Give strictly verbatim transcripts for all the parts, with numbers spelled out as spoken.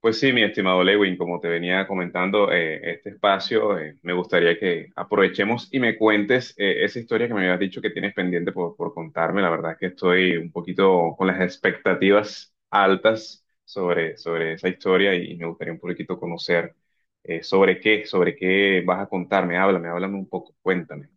Pues sí, mi estimado Lewin, como te venía comentando, eh, este espacio eh, me gustaría que aprovechemos y me cuentes eh, esa historia que me habías dicho que tienes pendiente por, por contarme. La verdad es que estoy un poquito con las expectativas altas sobre, sobre esa historia y me gustaría un poquito conocer eh, sobre qué, sobre qué vas a contarme. Háblame, háblame un poco, cuéntame.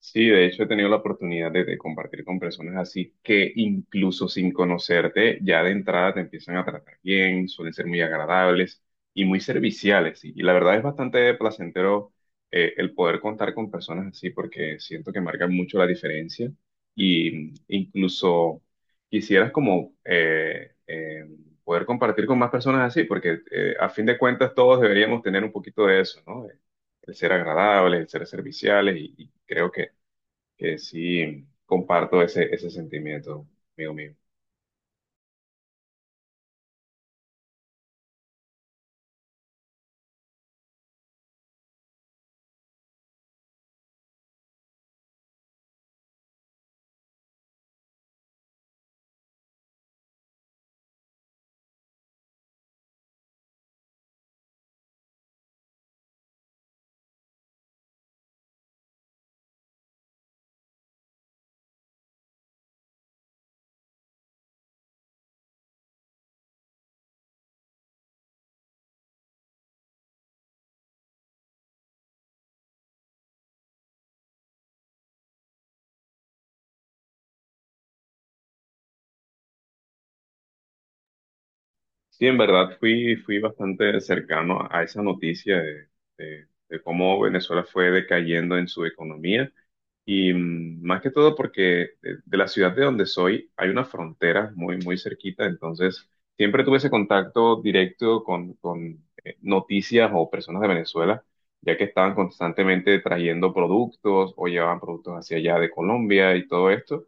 Sí, de hecho he tenido la oportunidad de, de compartir con personas así que incluso sin conocerte, ya de entrada te empiezan a tratar bien, suelen ser muy agradables y muy serviciales. Y, y la verdad es bastante placentero eh, el poder contar con personas así porque siento que marcan mucho la diferencia y mm, incluso quisieras como eh, eh, poder compartir con más personas así porque eh, a fin de cuentas todos deberíamos tener un poquito de eso, ¿no? El ser agradables, el ser serviciales, y, y creo que que sí comparto ese, ese sentimiento, amigo mío. Sí, en verdad fui, fui bastante cercano a esa noticia de, de- de cómo Venezuela fue decayendo en su economía y mm, más que todo porque de, de la ciudad de donde soy hay una frontera muy, muy cerquita, entonces siempre tuve ese contacto directo con, con eh, noticias o personas de Venezuela, ya que estaban constantemente trayendo productos o llevaban productos hacia allá de Colombia y todo esto.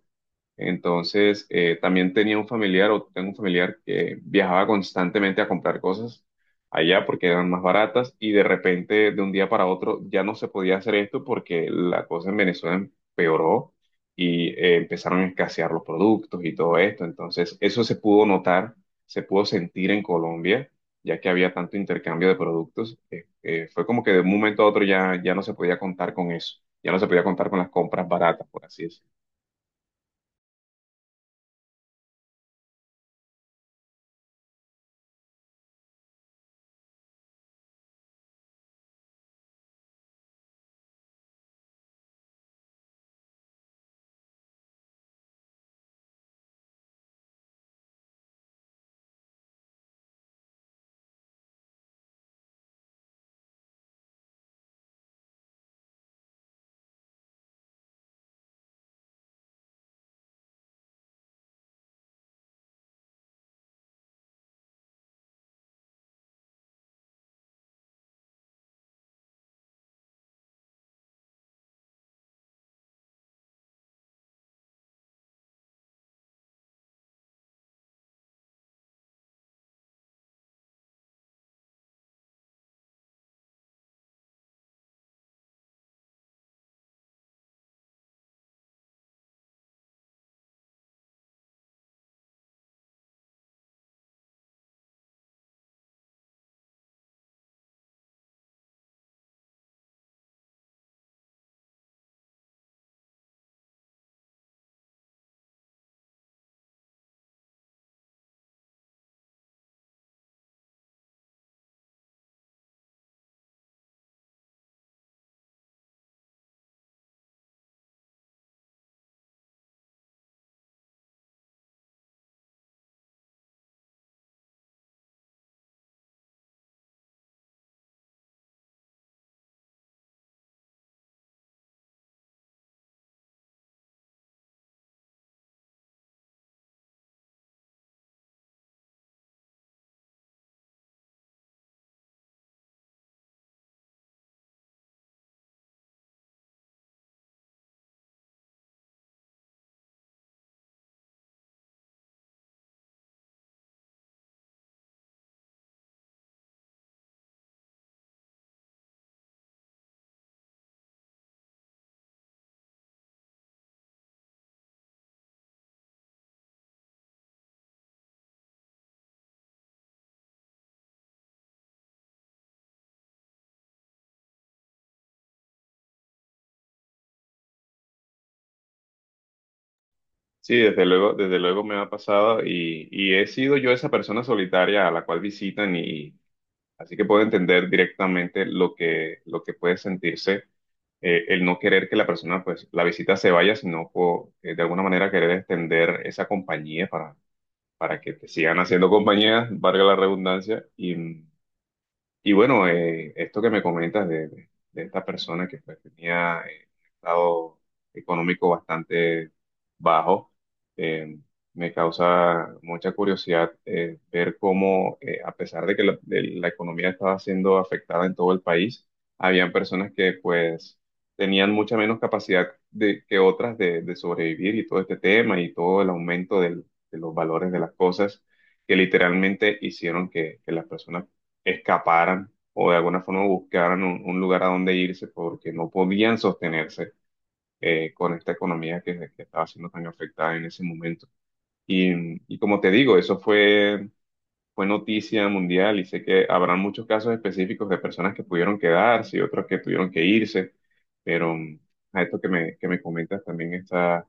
Entonces, eh, también tenía un familiar o tengo un familiar que viajaba constantemente a comprar cosas allá porque eran más baratas y de repente, de un día para otro, ya no se podía hacer esto porque la cosa en Venezuela empeoró y eh, empezaron a escasear los productos y todo esto. Entonces, eso se pudo notar, se pudo sentir en Colombia, ya que había tanto intercambio de productos. Eh, eh, fue como que de un momento a otro ya, ya no se podía contar con eso, ya no se podía contar con las compras baratas, por así decirlo. Sí, desde luego, desde luego me ha pasado, y, y he sido yo esa persona solitaria a la cual visitan, y así que puedo entender directamente lo que, lo que puede sentirse eh, el no querer que la persona, pues la visita, se vaya, sino po- eh, de alguna manera querer extender esa compañía para, para que te sigan haciendo compañía, valga la redundancia, y bueno, eh, esto que me comentas de, de- de esta persona que, pues, tenía eh, un estado económico bastante bajo, eh, me causa mucha curiosidad eh, ver cómo, eh, a pesar de que la, de la economía estaba siendo afectada en todo el país, habían personas que pues tenían mucha menos capacidad de, que otras de, de sobrevivir, y todo este tema y todo el aumento del- de los valores de las cosas, que literalmente hicieron que, que las personas escaparan o de alguna forma buscaran un, un lugar a donde irse porque no podían sostenerse eh, con esta economía que, que estaba siendo tan afectada en ese momento. Y y como te digo, eso fue, fue noticia mundial, y sé que habrán muchos casos específicos de personas que pudieron quedarse y otros que tuvieron que irse, pero mm, a esto que me, que me comentas, también está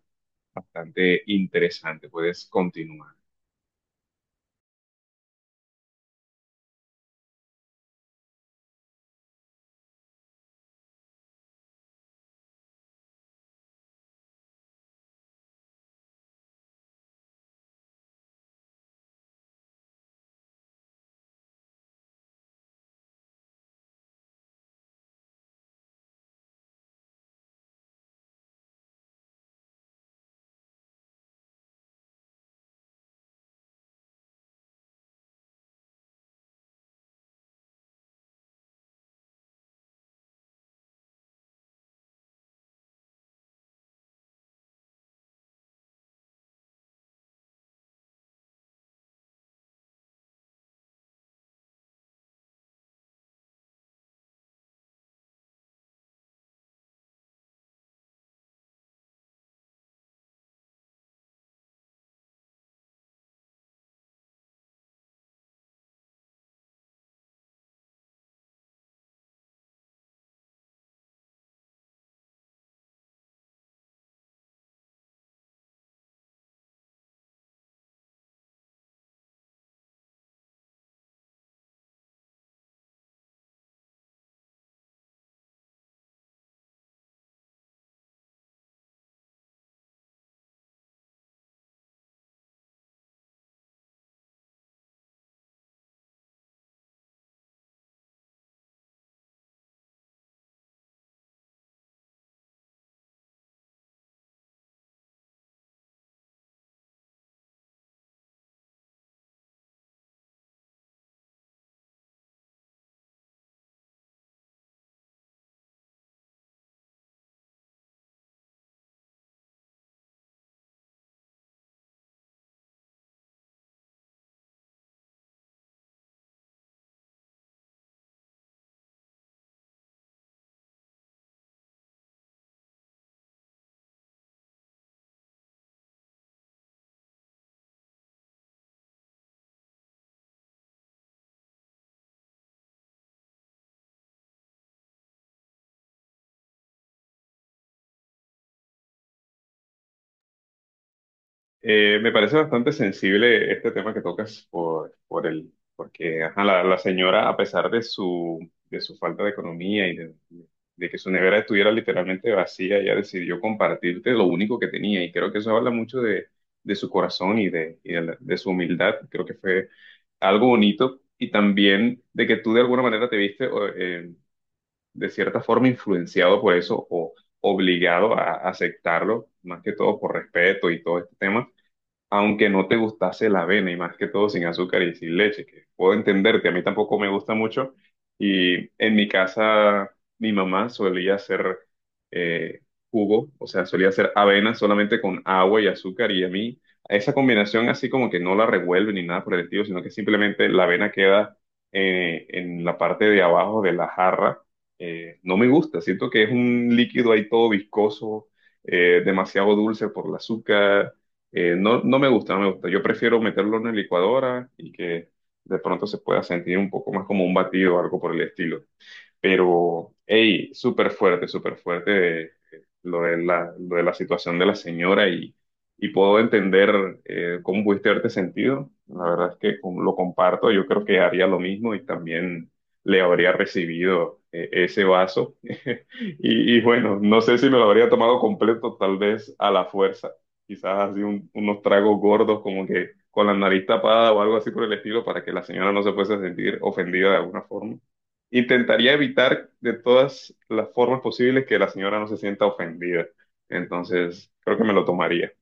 bastante interesante. Puedes continuar. Eh, me parece bastante sensible este tema que tocas por, por el, porque ajá, la, la señora, a pesar de su, de su falta de economía y de, de que su nevera estuviera literalmente vacía, ella decidió compartirte lo único que tenía. Y creo que eso habla mucho de, de su corazón y de, y de, la- de su humildad. Creo que fue algo bonito, y también de que tú de alguna manera te viste o, eh, de cierta forma influenciado por eso, o obligado a aceptarlo, más que todo por respeto y todo este tema, aunque no te gustase la avena y más que todo sin azúcar y sin leche, que puedo entenderte, a mí tampoco me gusta mucho. Y en mi casa mi mamá solía hacer eh, jugo, o sea, solía hacer avena solamente con agua y azúcar, y a mí esa combinación así como que no la revuelve ni nada por el estilo, sino que simplemente la avena queda eh, en la parte de abajo de la jarra. Eh, no me gusta, siento que es un líquido ahí todo viscoso, eh, demasiado dulce por el azúcar, eh, no, no me gusta, no me gusta. Yo prefiero meterlo en la licuadora y que de pronto se pueda sentir un poco más como un batido o algo por el estilo. Pero, hey, súper fuerte, súper fuerte, eh, lo de la, lo de la situación de la señora, y, y puedo entender eh, cómo pudiste haberte sentido. La verdad es que com- lo comparto, yo creo que haría lo mismo, y también le habría recibido eh, ese vaso. Y, y bueno, no sé si me lo habría tomado completo, tal vez a la fuerza, quizás así un- unos tragos gordos como que con la nariz tapada o algo así por el estilo, para que la señora no se fuese a sentir ofendida de alguna forma. Intentaría evitar de todas las formas posibles que la señora no se sienta ofendida. Entonces, creo que me lo tomaría.